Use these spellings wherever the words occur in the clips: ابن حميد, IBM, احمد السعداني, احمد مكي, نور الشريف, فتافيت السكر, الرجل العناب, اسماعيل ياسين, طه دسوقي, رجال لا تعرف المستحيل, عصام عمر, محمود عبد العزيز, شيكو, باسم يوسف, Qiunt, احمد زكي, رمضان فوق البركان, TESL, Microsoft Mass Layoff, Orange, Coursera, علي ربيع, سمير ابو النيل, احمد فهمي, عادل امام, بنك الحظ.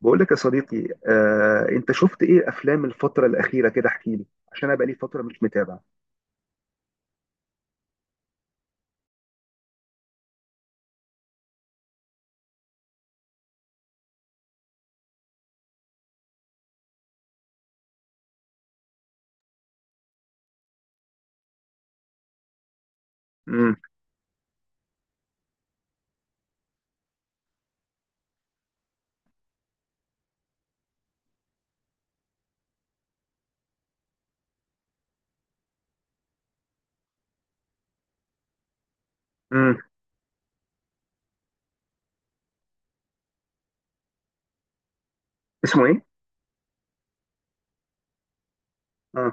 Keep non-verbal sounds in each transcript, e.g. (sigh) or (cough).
بقول لك يا صديقي انت شفت ايه افلام الفتره الاخيره كده احكي لي عشان انا بقالي فتره مش متابع. امم امم اسمه ايه؟ اه،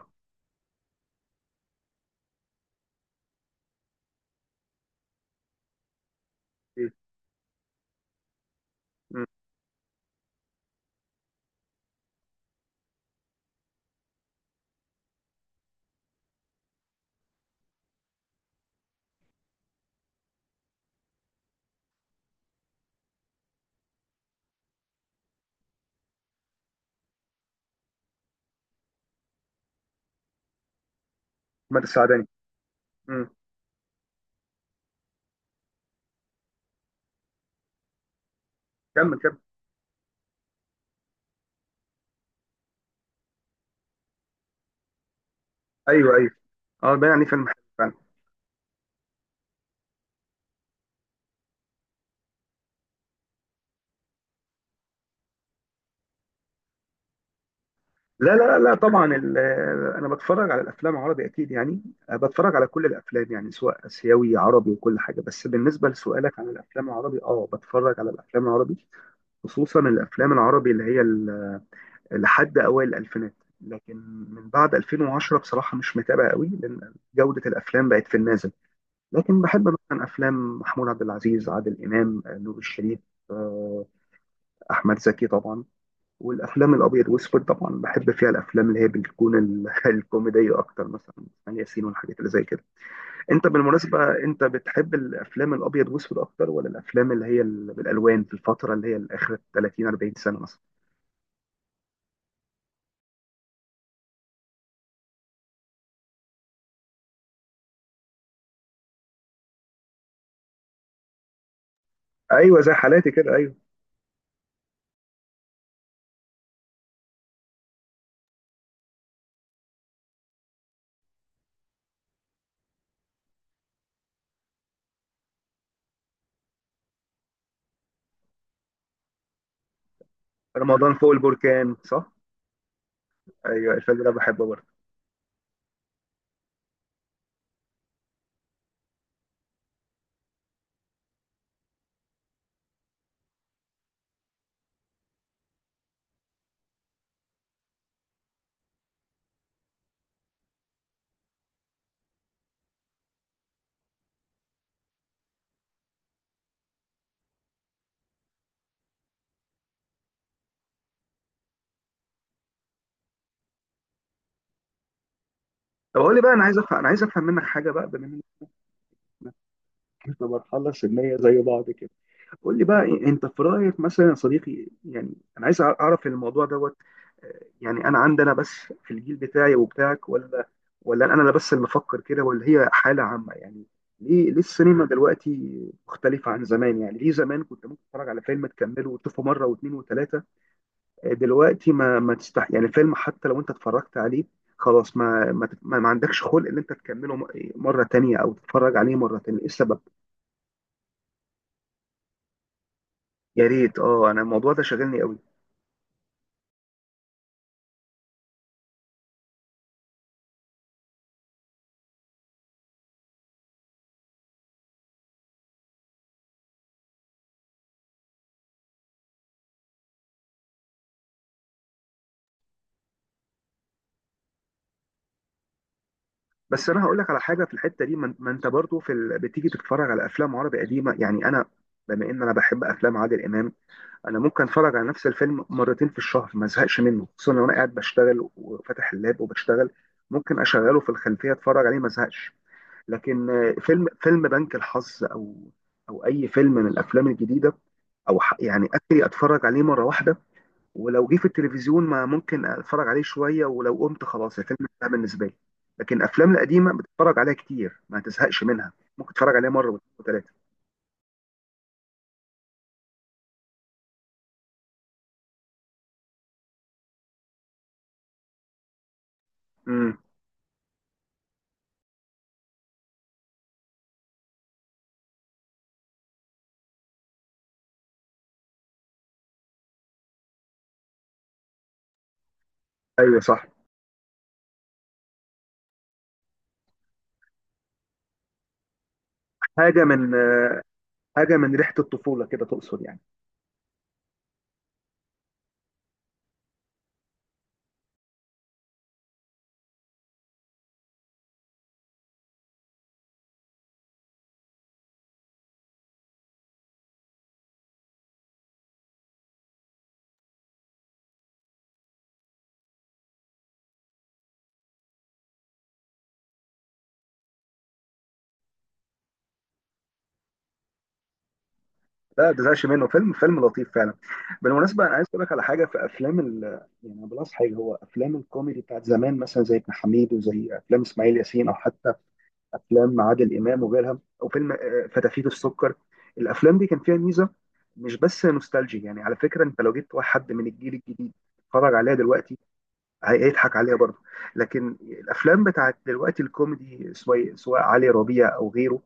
ايه؟ مم. احمد السعداني. امم. كمل كمل. ايوه ايوه. اه، ده يعني فيلم حلو فعلا. لا طبعا، انا بتفرج على الافلام عربي اكيد يعني. بتفرج على كل الافلام يعني سواء اسيوي عربي وكل حاجه، بس بالنسبه لسؤالك عن الافلام العربي، اه بتفرج على الافلام العربي، خصوصا الافلام العربي اللي هي لحد اوائل الالفينات. لكن من بعد 2010 بصراحه مش متابع قوي، لان جوده الافلام بقت في النازل. لكن بحب مثلا افلام محمود عبد العزيز، عادل امام، نور الشريف، آه، احمد زكي طبعا. والافلام الابيض واسود طبعا بحب فيها الافلام اللي هي بتكون (laughs) الكوميديه اكتر، مثلا اسماعيل ياسين والحاجات اللي زي كده. انت بالمناسبه، انت بتحب الافلام الابيض واسود اكتر ولا الافلام اللي هي بالالوان في الفتره اللي هي اخر 30 40 سنه مثلا؟ ايوه زي حالاتي كده، أيوة. رمضان فوق البركان، صح؟ ايوه، الفيلم ده بحبه برضه. طب قول لي بقى، انا عايز افهم، انا عايز افهم منك حاجه بقى، بما انك في مرحله سنيه زي بعض كده، قول لي بقى انت في رايك مثلا يا صديقي، يعني انا عايز اعرف الموضوع دوت. يعني انا عندنا بس، في الجيل بتاعي وبتاعك، ولا ولا انا اللي بس اللي بفكر كده، ولا هي حاله عامه يعني؟ ليه ليه السينما دلوقتي مختلفه عن زمان؟ يعني ليه زمان كنت ممكن تتفرج على فيلم تكمله وتشوفه مره واثنين وثلاثه، دلوقتي ما تستح يعني الفيلم حتى لو انت اتفرجت عليه، خلاص ما عندكش خلق ان انت تكمله مره تانية او تتفرج عليه مره تانية. ايه السبب؟ يا ريت، اه انا الموضوع ده شاغلني قوي. بس انا هقول لك على حاجه في الحته دي، ما انت برضو بتيجي تتفرج على افلام عربي قديمه، يعني انا بما ان انا بحب افلام عادل امام، انا ممكن اتفرج على نفس الفيلم مرتين في الشهر ما ازهقش منه، خصوصا لو انا قاعد بشتغل وفاتح اللاب وبشتغل، ممكن اشغله في الخلفيه اتفرج عليه ما ازهقش. لكن فيلم بنك الحظ، او او اي فيلم من الافلام الجديده، او يعني اخري، اتفرج عليه مره واحده، ولو جه في التلفزيون ما ممكن اتفرج عليه شويه، ولو قمت خلاص الفيلم ده بالنسبه لي. لكن الافلام القديمه بتتفرج عليها كتير ما تزهقش منها، ممكن تتفرج عليها مره وثلاثه. امم. ايوه صح. حاجه من حاجه من ريحه الطفوله كده تقصد يعني؟ لا ما تزهقش منه، فيلم لطيف فعلا. بالمناسبه انا عايز اقول لك على حاجه في يعني أنا بلاحظ حاجه، هو افلام الكوميدي بتاعت زمان مثلا زي ابن حميد وزي افلام اسماعيل ياسين، او حتى افلام عادل امام وغيرها، او فيلم فتافيت السكر، الافلام دي كان فيها ميزه، مش بس نوستالجي. يعني على فكره انت لو جبت واحد من الجيل الجديد اتفرج عليها دلوقتي، هيضحك عليها برضه. لكن الافلام بتاعت دلوقتي الكوميدي، سواء علي ربيع او غيره،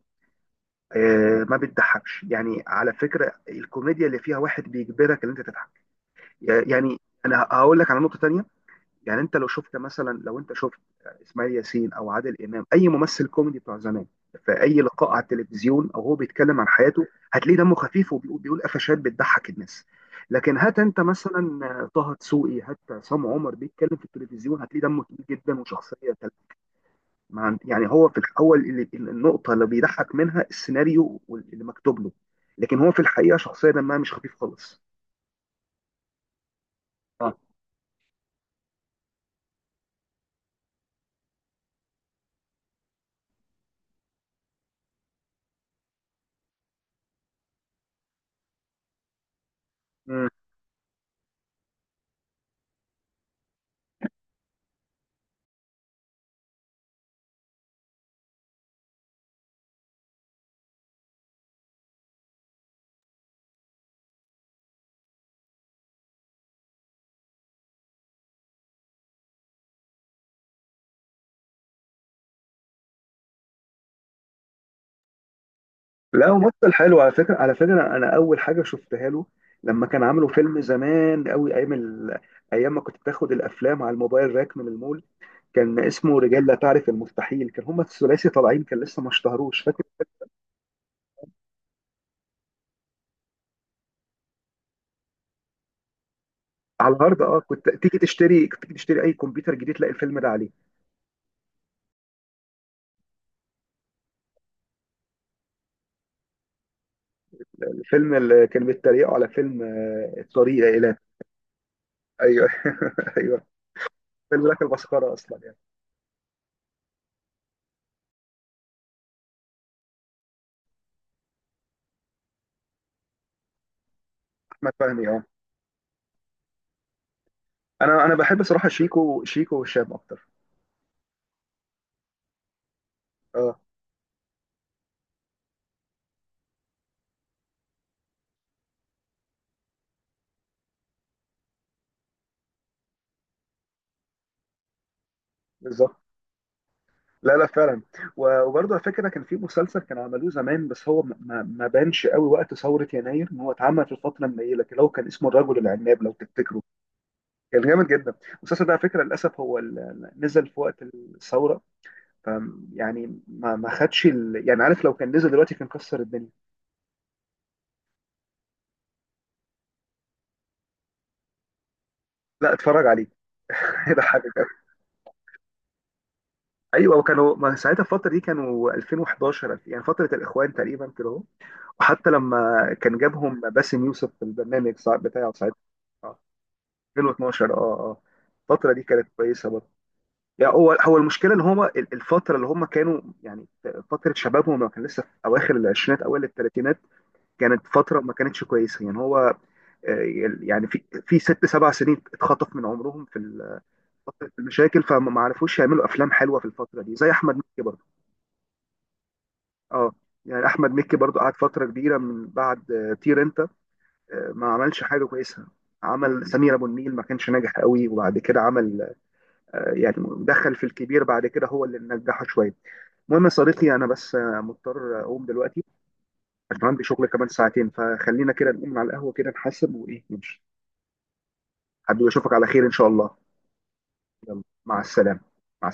ما بتضحكش، يعني على فكره الكوميديا اللي فيها واحد بيجبرك ان انت تضحك يعني. انا هقول لك على نقطه تانية، يعني انت لو شفت مثلا، لو انت شفت اسماعيل ياسين او عادل امام، اي ممثل كوميدي بتاع زمان، في اي لقاء على التلفزيون او هو بيتكلم عن حياته، هتلاقيه دمه خفيف وبيقول قفشات بتضحك الناس. لكن هات انت مثلا طه دسوقي، هات عصام عمر بيتكلم في التلفزيون، هتلاقيه دمه تقيل جدا وشخصيه ما عند... يعني هو في الاول اللي النقطه اللي بيضحك منها السيناريو اللي مكتوب له، لكن هو في الحقيقه شخصيه دمها مش خفيف خالص. آه. مم. لا هو ممثل حلو على فكره، على فكره انا اول حاجه شفتها له، لما كان عامله فيلم زمان قوي ايام ما كنت بتاخد الافلام على الموبايل راك من المول، كان اسمه رجال لا تعرف المستحيل، كان هما الثلاثي طالعين كان لسه ما اشتهروش فاكر؟ على الهارد، اه كنت تيجي تشتري اي كمبيوتر جديد تلاقي الفيلم ده عليه. الفيلم اللي كان بيتريقوا على فيلم طريق الى، ايوه. (laughs) ايوه. خلي بالك البسخره اصلا يعني. احمد فهمي، اه. انا بحب صراحه شيكو، وهشام اكتر. اه بالظبط. لا لا فعلا. وبرضه على فكره كان في مسلسل كانوا عملوه زمان، بس هو ما بانش قوي وقت ثوره يناير، ان هو اتعمل في الفتره النيله كده، هو كان اسمه الرجل العناب لو تفتكروا، كان جامد جدا. المسلسل ده على فكره للاسف هو نزل في وقت الثوره، ف يعني ما خدش يعني عارف، لو كان نزل دلوقتي كان كسر الدنيا. لا اتفرج عليه (laughs) هيضحكك. ايوه، وكانوا ما ساعتها الفتره دي كانوا 2011، يعني فتره الاخوان تقريبا كده اهو. وحتى لما كان جابهم باسم يوسف في البرنامج بتاعه ساعتها، آه، 2012، اه اه. الفتره دي كانت كويسه برضه، يعني هو المشكله ان هم الفتره اللي هم كانوا، يعني فتره شبابهم لما كان لسه في اواخر العشرينات اوائل الثلاثينات، كانت فتره ما كانتش كويسه يعني هو، آه، يعني في ست سبع سنين اتخطف من عمرهم في فتره المشاكل، فما ما عرفوش يعملوا افلام حلوه في الفتره دي زي احمد مكي برضه. اه، يعني احمد مكي برضو قعد فتره كبيره من بعد طير انت، ما عملش حاجه كويسه. عمل سمير ابو النيل ما كانش ناجح قوي، وبعد كده عمل يعني دخل في الكبير بعد كده هو اللي نجحه شويه. المهم يا صديقي انا بس مضطر اقوم دلوقتي، عشان عندي شغل كمان 2 ساعتين، فخلينا كده نقوم على القهوه كده نحاسب وايه نمشي. حبيبي اشوفك على خير ان شاء الله. يلا مع السلامه. مع